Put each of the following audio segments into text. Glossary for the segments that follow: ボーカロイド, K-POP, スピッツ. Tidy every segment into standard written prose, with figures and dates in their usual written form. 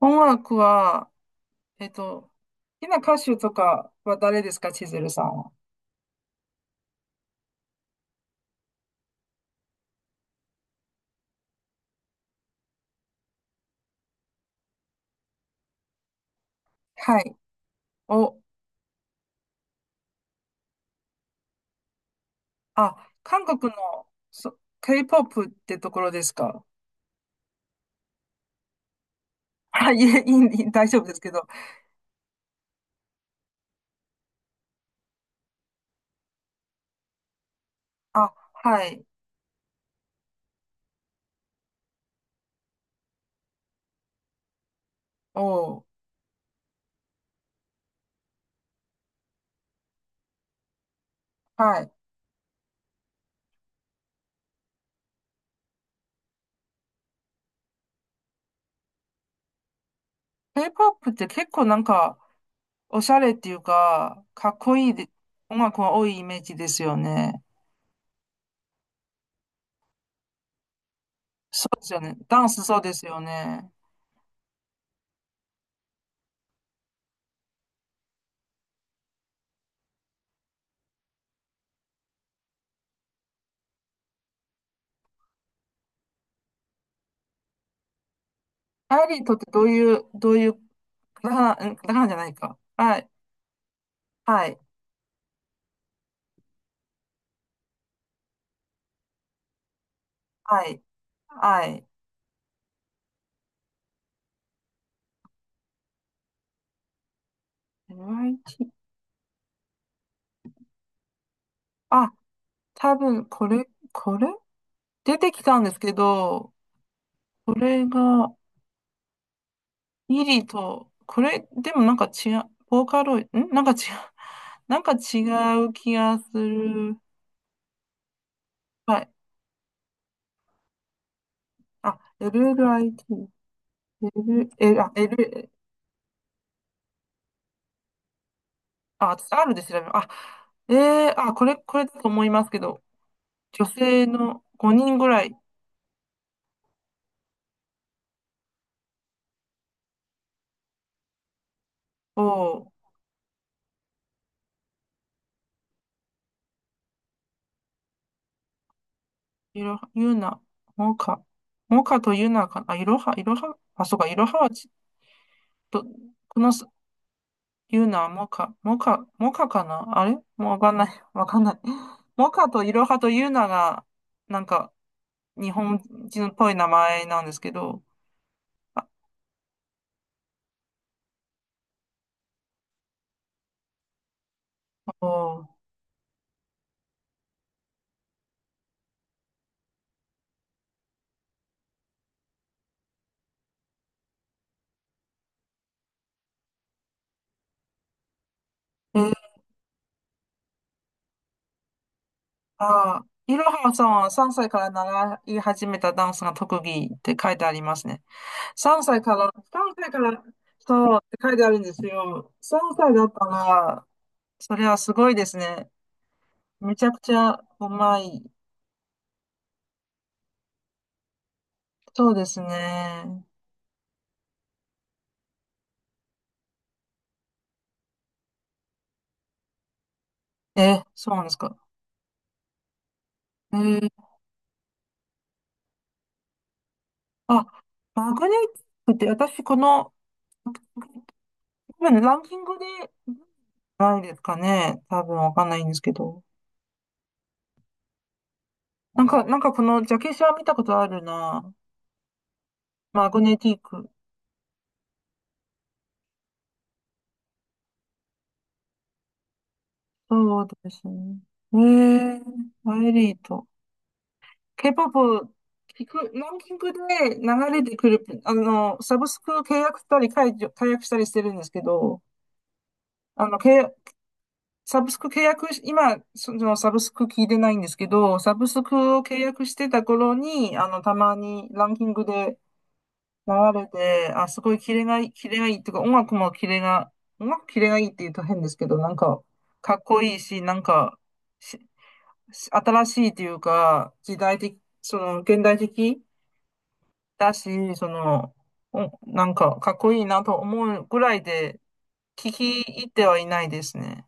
音楽は、好きな歌手とかは誰ですか、千鶴さんは？はい。お、あ、韓国の、K-POP ってところですか？はい、いえ、いい大丈夫ですけど。あ、はい。お、はい。K-POP って結構なんか、おしゃれっていうか、かっこいいで、音楽が多いイメージですよね。そうですよね。ダンスそうですよね。アイリーとってどういう、カタカナ、カタカナじゃないか。はい。はい。はい。はい。YT。あ、多分、これ出てきたんですけど、これが、イリと、これ、でもなんか違う、ボーカロイド、なんか違う、なんか違う気がする。はい。あ、LLIT。L、L あ、L、あ、私 R で調べる。あ、えあ、これだと思いますけど、女性の5人ぐらいを、いろは、モカ、モカとユーナかな、あ、いろは、あ、そうか、いろははちょっと、このす、ユーナ、モカかなあれもうわかんない、わかんない。モカといろはとユーナが、なんか、日本人っぽい名前なんですけど、おーえー、あー、いろはさんは3歳から習い始めたダンスが特技って書いてありますね。3歳から、3歳から、そうって書いてあるんですよ。3歳だったら、それはすごいですね。めちゃくちゃうまい。そうですね。え、そうなんですか？えーあ、マグネティックって私この、今ね、ランキングでないですかね。多分わかんないんですけど。なんかこのジャケ写は見たことあるな。マグネティック。そうですね。えー、アイリート。K-POP 聞く、ランキングで流れてくる、サブスク契約したり解除、解約したりしてるんですけど、あの、契約、サブスク契約し、今、そのサブスク聞いてないんですけど、サブスクを契約してた頃に、たまにランキングで流れて、あ、すごいキレがいい、キレがいいっていうか、音楽もキレが、音楽キレがいいっていうと変ですけど、なんか、かっこいいし、なんか、し、し新しいっていうか、時代的、その、現代的だし、その、お、なんか、かっこいいなと思うぐらいで、聞き入ってはいないですね。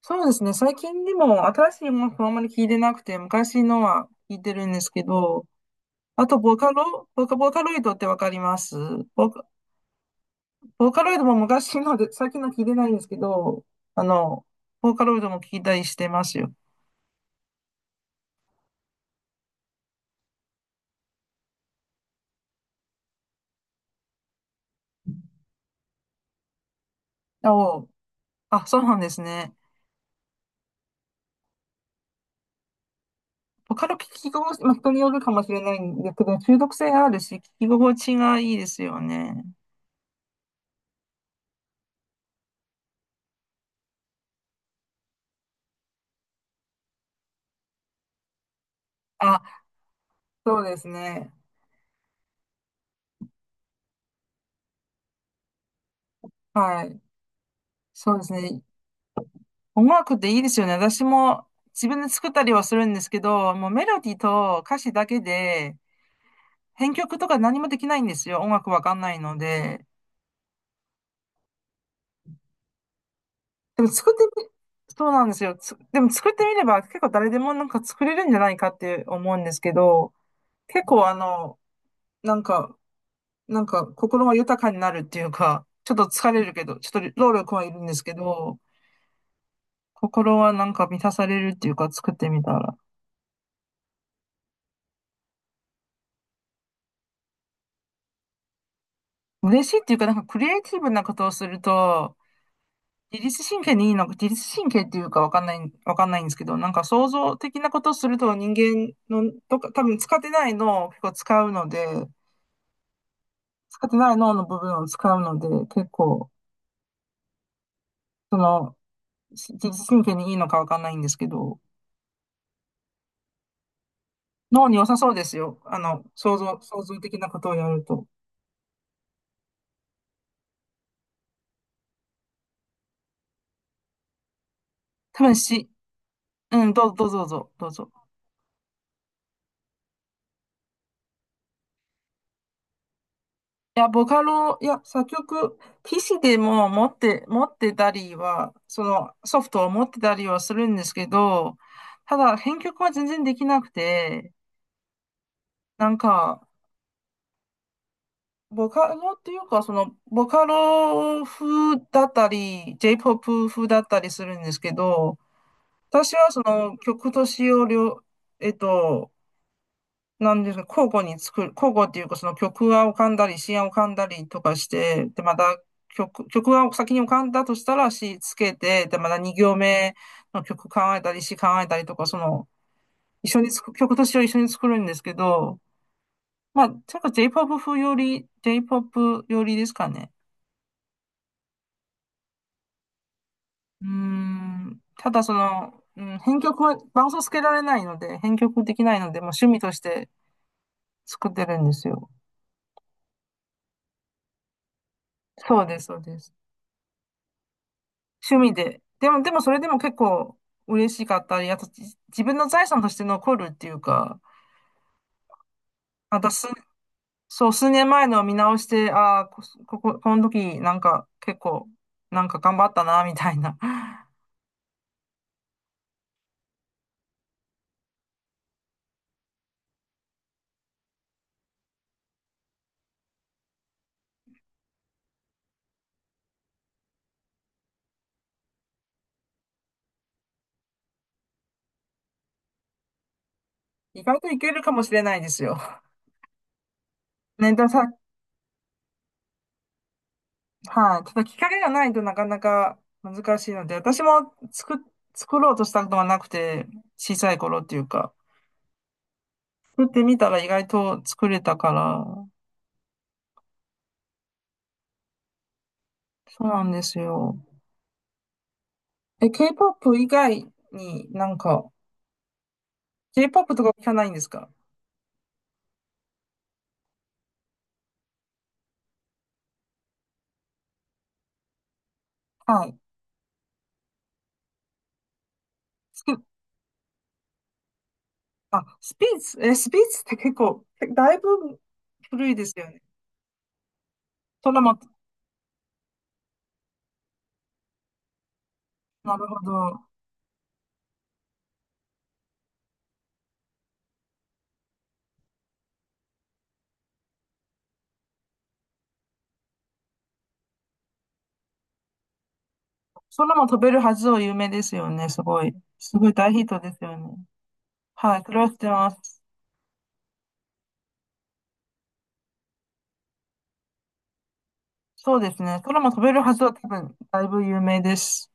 そうですね。最近でも新しい音楽はあんまり聞いてなくて、昔のは聞いてるんですけど、あとボーカロイドってわかります？ボカ、ボーカロイドも昔ので、最近のは聞いてないんですけど、あの、ボーカロイドも聞いたりしてますよ。お、あ、そうなんですね。ボカロ聞き心地、まあ、人によるかもしれないんですけど、中毒性があるし、聞き心地がいいですよね。あ、そうですね。はい。そうですね。音楽っていいですよね。私も自分で作ったりはするんですけど、もうメロディーと歌詞だけで、編曲とか何もできないんですよ。音楽わかんないので。でも作ってみ、そうなんですよ。でも作ってみれば結構誰でもなんか作れるんじゃないかって思うんですけど、結構なんか、なんか心が豊かになるっていうか、ちょっと疲れるけど、ちょっと労力はいるんですけど、心はなんか満たされるっていうか作ってみたら。嬉しいっていうか、なんかクリエイティブなことをすると、自律神経にいいのか、自律神経っていうかわかんないんですけど、なんか想像的なことをすると人間の、とか、多分使ってない脳を結構使うので、使ってない脳の部分を使うので、結構、その、自律神経にいいのかわかんないんですけど、脳に良さそうですよ。想像的なことをやると。多分し、うん、どうぞ、どうぞ、どうぞ。どうぞいや、ボカロ、いや、作曲、PC でも持ってたりは、そのソフトを持ってたりはするんですけど、ただ、編曲は全然できなくて、なんか、ボカロっていうか、その、ボカロ風だったり、J-POP 風だったりするんですけど、私はその曲と詞をえっと、なんですか、交互に作る、交互っていうか、その曲が浮かんだり、詩が浮かんだりとかして、で、また曲が先に浮かんだとしたら詩つけて、で、また2行目の曲考えたり、詩考えたりとか、その、一緒に作曲と詩を一緒に作るんですけど、まあ、ちょっ J-POP 風より、J-POP よりですかね。うーん、ただその、うん、編曲は伴奏つけられないので、編曲できないので、もう趣味として作ってるんですよ。そうです、そうです。趣味で。でもそれでも結構嬉しかったり、あと自分の財産として残るっていうか、またそう、数年前のを見直して、ああ、この時なんか結構、なんか頑張ったな、みたいな。意外といけるかもしれないですよ。ね、でもさ、はい、ただきっかけがないとなかなか難しいので、私も作ろうとしたことがなくて、小さい頃っていうか、作ってみたら意外と作れたから、そうなんですよ。え、K-POP 以外になんか、K-POP とか聞かないんですか？はい。スピあ、スピッツ、え、スピッツって結構、だいぶ古いですよね。空も、なるほど。空も飛べるはずを有名ですよね。すごい。すごい大ヒットですよね。はい、それは知ってます。そうですね。空も飛べるはずは多分、だいぶ有名です。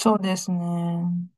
そうですね。